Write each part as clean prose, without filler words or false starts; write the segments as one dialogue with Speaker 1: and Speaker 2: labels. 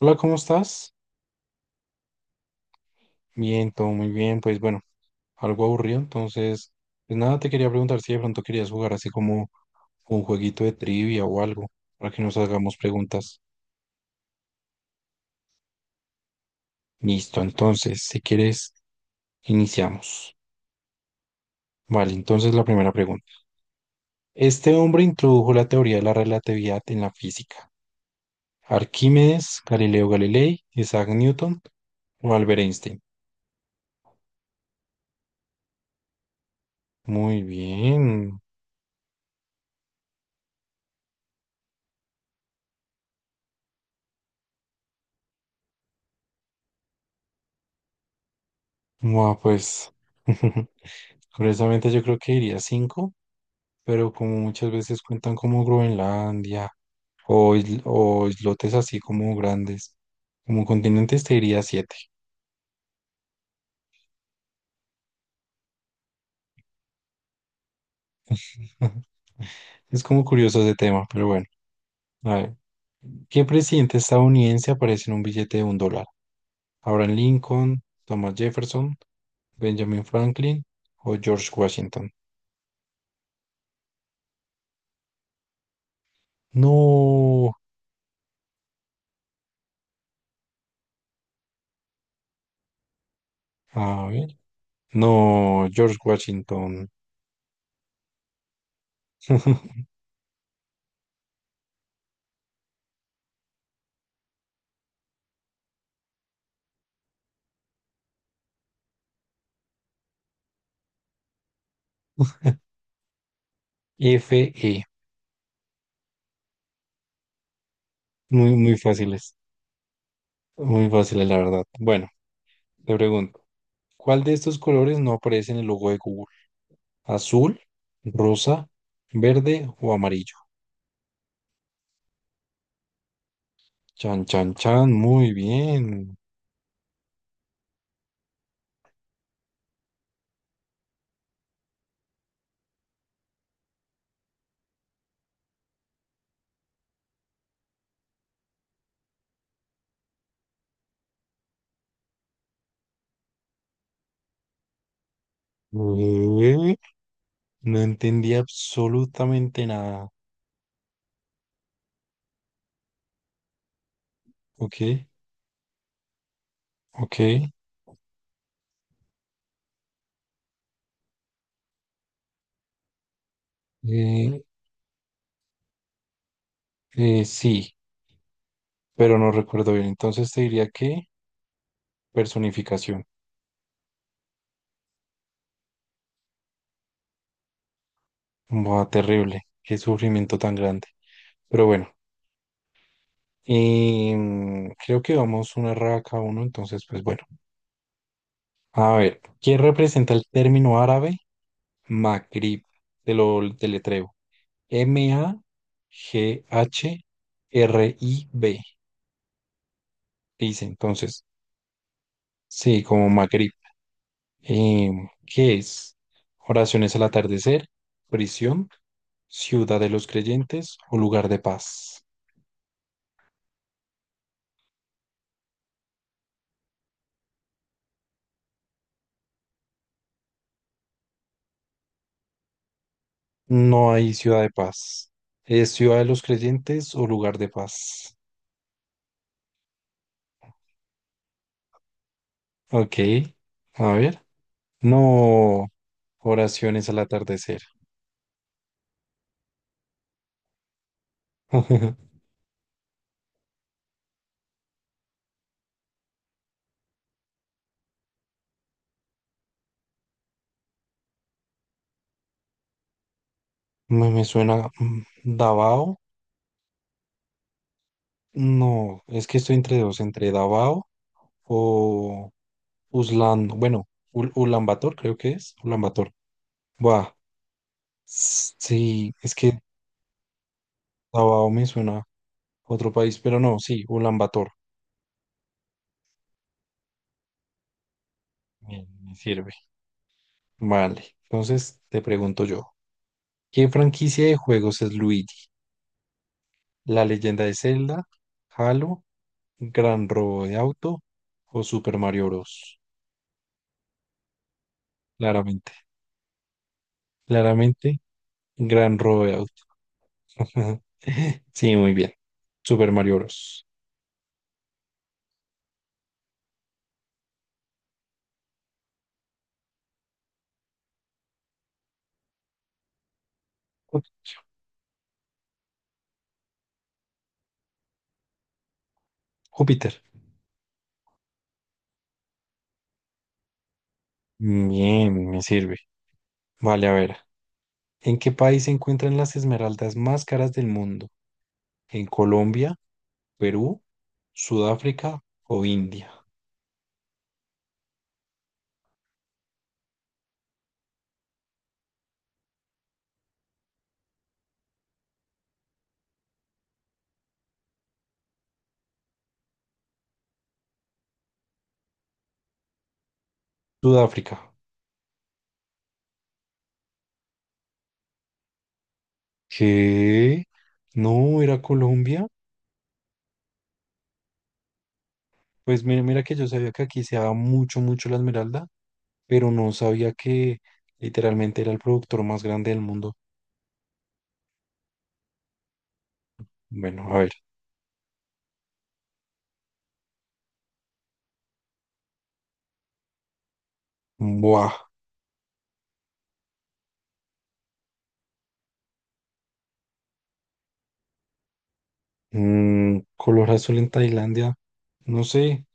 Speaker 1: Hola, ¿cómo estás? Bien, todo muy bien. Pues bueno, algo aburrido, entonces, pues nada, te quería preguntar si de pronto querías jugar así como un jueguito de trivia o algo, para que nos hagamos preguntas. Listo, entonces, si quieres, iniciamos. Vale, entonces la primera pregunta. Este hombre introdujo la teoría de la relatividad en la física. Arquímedes, Galileo Galilei, Isaac Newton o Albert Einstein. Muy bien. Bueno, pues, curiosamente yo creo que iría cinco. Pero como muchas veces cuentan como Groenlandia o, o islotes así como grandes, como continentes te diría siete. Es como curioso ese tema, pero bueno. A ver, ¿qué presidente estadounidense aparece en un billete de $1? ¿Abraham Lincoln, Thomas Jefferson, Benjamin Franklin o George Washington? No, a ver, no, George Washington. F Fe, muy, muy fáciles la verdad. Bueno, te pregunto. ¿Cuál de estos colores no aparece en el logo de Google? ¿Azul, rosa, verde o amarillo? Chan, chan, chan, muy bien. Ué, no entendí absolutamente nada. Ok, ok. eh, sí, pero no recuerdo bien. Entonces te diría que personificación. Buah, terrible. Qué sufrimiento tan grande. Pero bueno, creo que vamos una raya cada uno. Entonces, pues bueno. A ver, ¿quién representa el término árabe? Maghrib, te lo deletreo. M-A-G-H-R-I-B. Dice entonces, sí, como Maghrib. ¿Qué es? Oraciones al atardecer, prisión, ciudad de los creyentes o lugar de paz. No hay ciudad de paz. ¿Es ciudad de los creyentes o lugar de paz? Ok, a ver. No, oraciones al atardecer. Me suena Davao. No, es que estoy entre dos, entre Davao o Uslan, bueno, Ul Ulaanbaatar creo que es, Ulaanbaatar. Buah, sí, es que Davao me suena a otro país, pero no, sí, Ulaanbaatar me sirve. Vale, entonces te pregunto yo, ¿qué franquicia de juegos es Luigi? ¿La leyenda de Zelda, Halo, Gran Robo de Auto o Super Mario Bros? Claramente, claramente, Gran Robo de Auto. Ajá. Sí, muy bien. Super Mario Bros. Jú- Júpiter. Bien, me sirve. Vale, a ver. ¿En qué país se encuentran las esmeraldas más caras del mundo? ¿En Colombia, Perú, Sudáfrica o India? Sudáfrica. ¿Qué? No, era Colombia. Pues mira, mira que yo sabía que aquí se daba mucho, mucho la esmeralda, pero no sabía que literalmente era el productor más grande del mundo. Bueno, a ver. Buah. Color azul en Tailandia. No sé.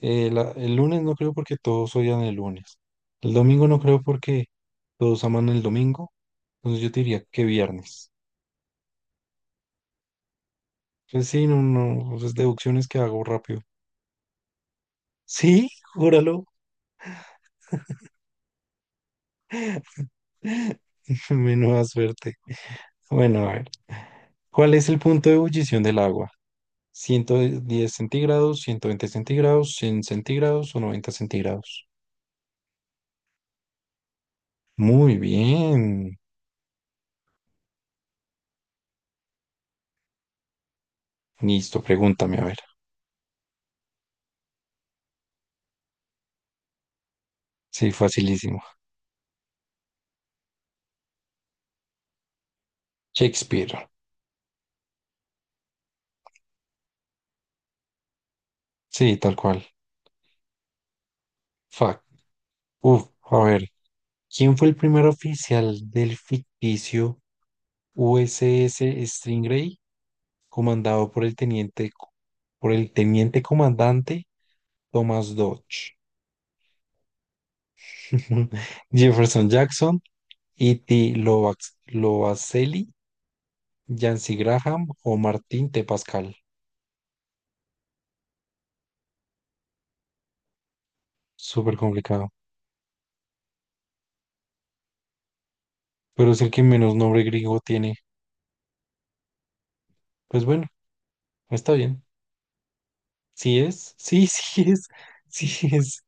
Speaker 1: El lunes no creo porque todos odian el lunes. El domingo no creo porque todos aman el domingo. Entonces yo te diría que viernes. Pues sí, no, no, pues es deducciones que hago rápido. Sí, júralo. Menuda suerte. Bueno, a ver. ¿Cuál es el punto de ebullición del agua? ¿110 centígrados, 120 centígrados, 100 centígrados o 90 centígrados? Muy bien. Listo, pregúntame, a ver. Sí, facilísimo. Shakespeare. Sí, tal cual. Fuck. Uf, a ver. ¿Quién fue el primer oficial del ficticio USS Stingray, comandado por el teniente comandante Thomas Dodge? Jefferson Jackson, E.T. Lovacelli, Yancy Graham o Martín T. Pascal. Súper complicado. Pero es el que menos nombre griego tiene. Pues bueno, está bien. ¿Sí es? Sí, sí es. Sí es.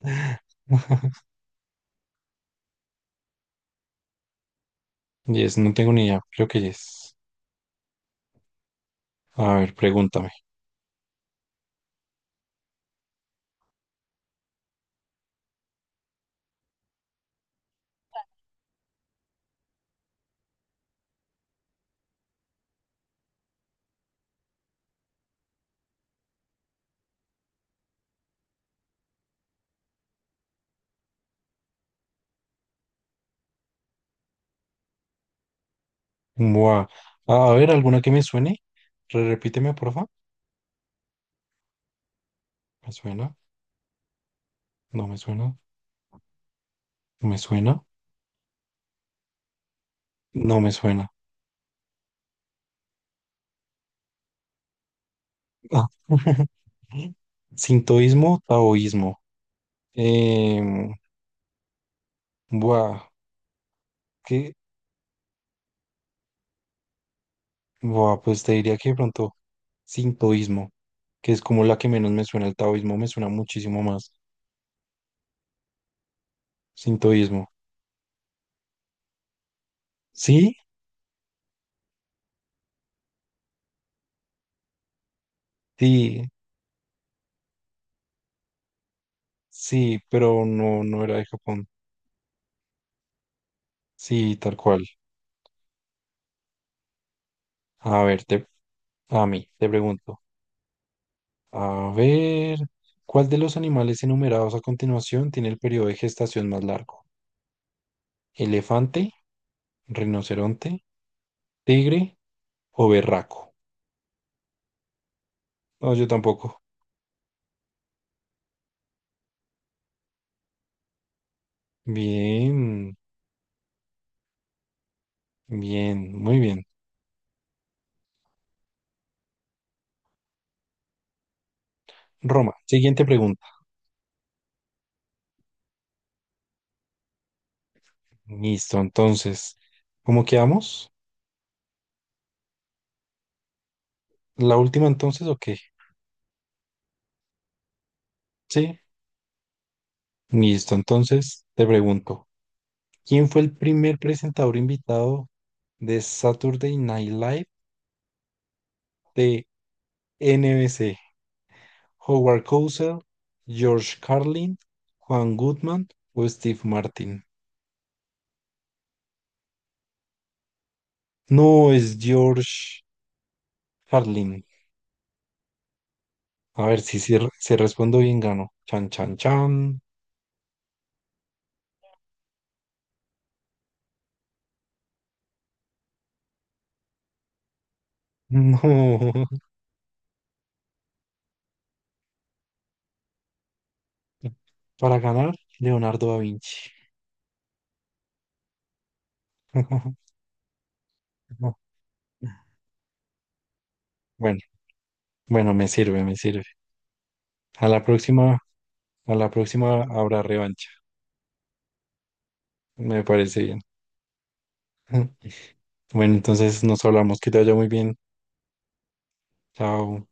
Speaker 1: Yes, no tengo ni idea. Creo que yes. A ver, pregúntame. Buah. A ver, ¿alguna que me suene? Repíteme, porfa. ¿Me suena? ¿No me suena? ¿No me suena? No me suena. Ah. Sintoísmo, taoísmo. Em, buah, ¿qué? Buah, pues te diría que de pronto sintoísmo, que es como la que menos me suena. El taoísmo me suena muchísimo más. Sintoísmo. ¿Sí? Sí, sí, pero no, no era de Japón. Sí, tal cual. A ver, a mí, te pregunto. A ver, ¿cuál de los animales enumerados a continuación tiene el periodo de gestación más largo? ¿Elefante, rinoceronte, tigre o berraco? No, yo tampoco. Bien, bien, muy bien. Roma, siguiente pregunta. Listo, entonces, ¿cómo quedamos? ¿La última entonces o qué? Sí, listo, entonces te pregunto. ¿Quién fue el primer presentador invitado de Saturday Night Live de NBC? ¿Howard Cosell, George Carlin, Juan Goodman o Steve Martin? No, es George Carlin. A ver si, respondo bien, gano. Chan, chan, chan. No. Para ganar, Leonardo da Vinci. No. Bueno, bueno, me sirve, me sirve. A la próxima, a la próxima habrá revancha. Me parece bien. Bueno, entonces nos hablamos, que te vaya muy bien. Chao.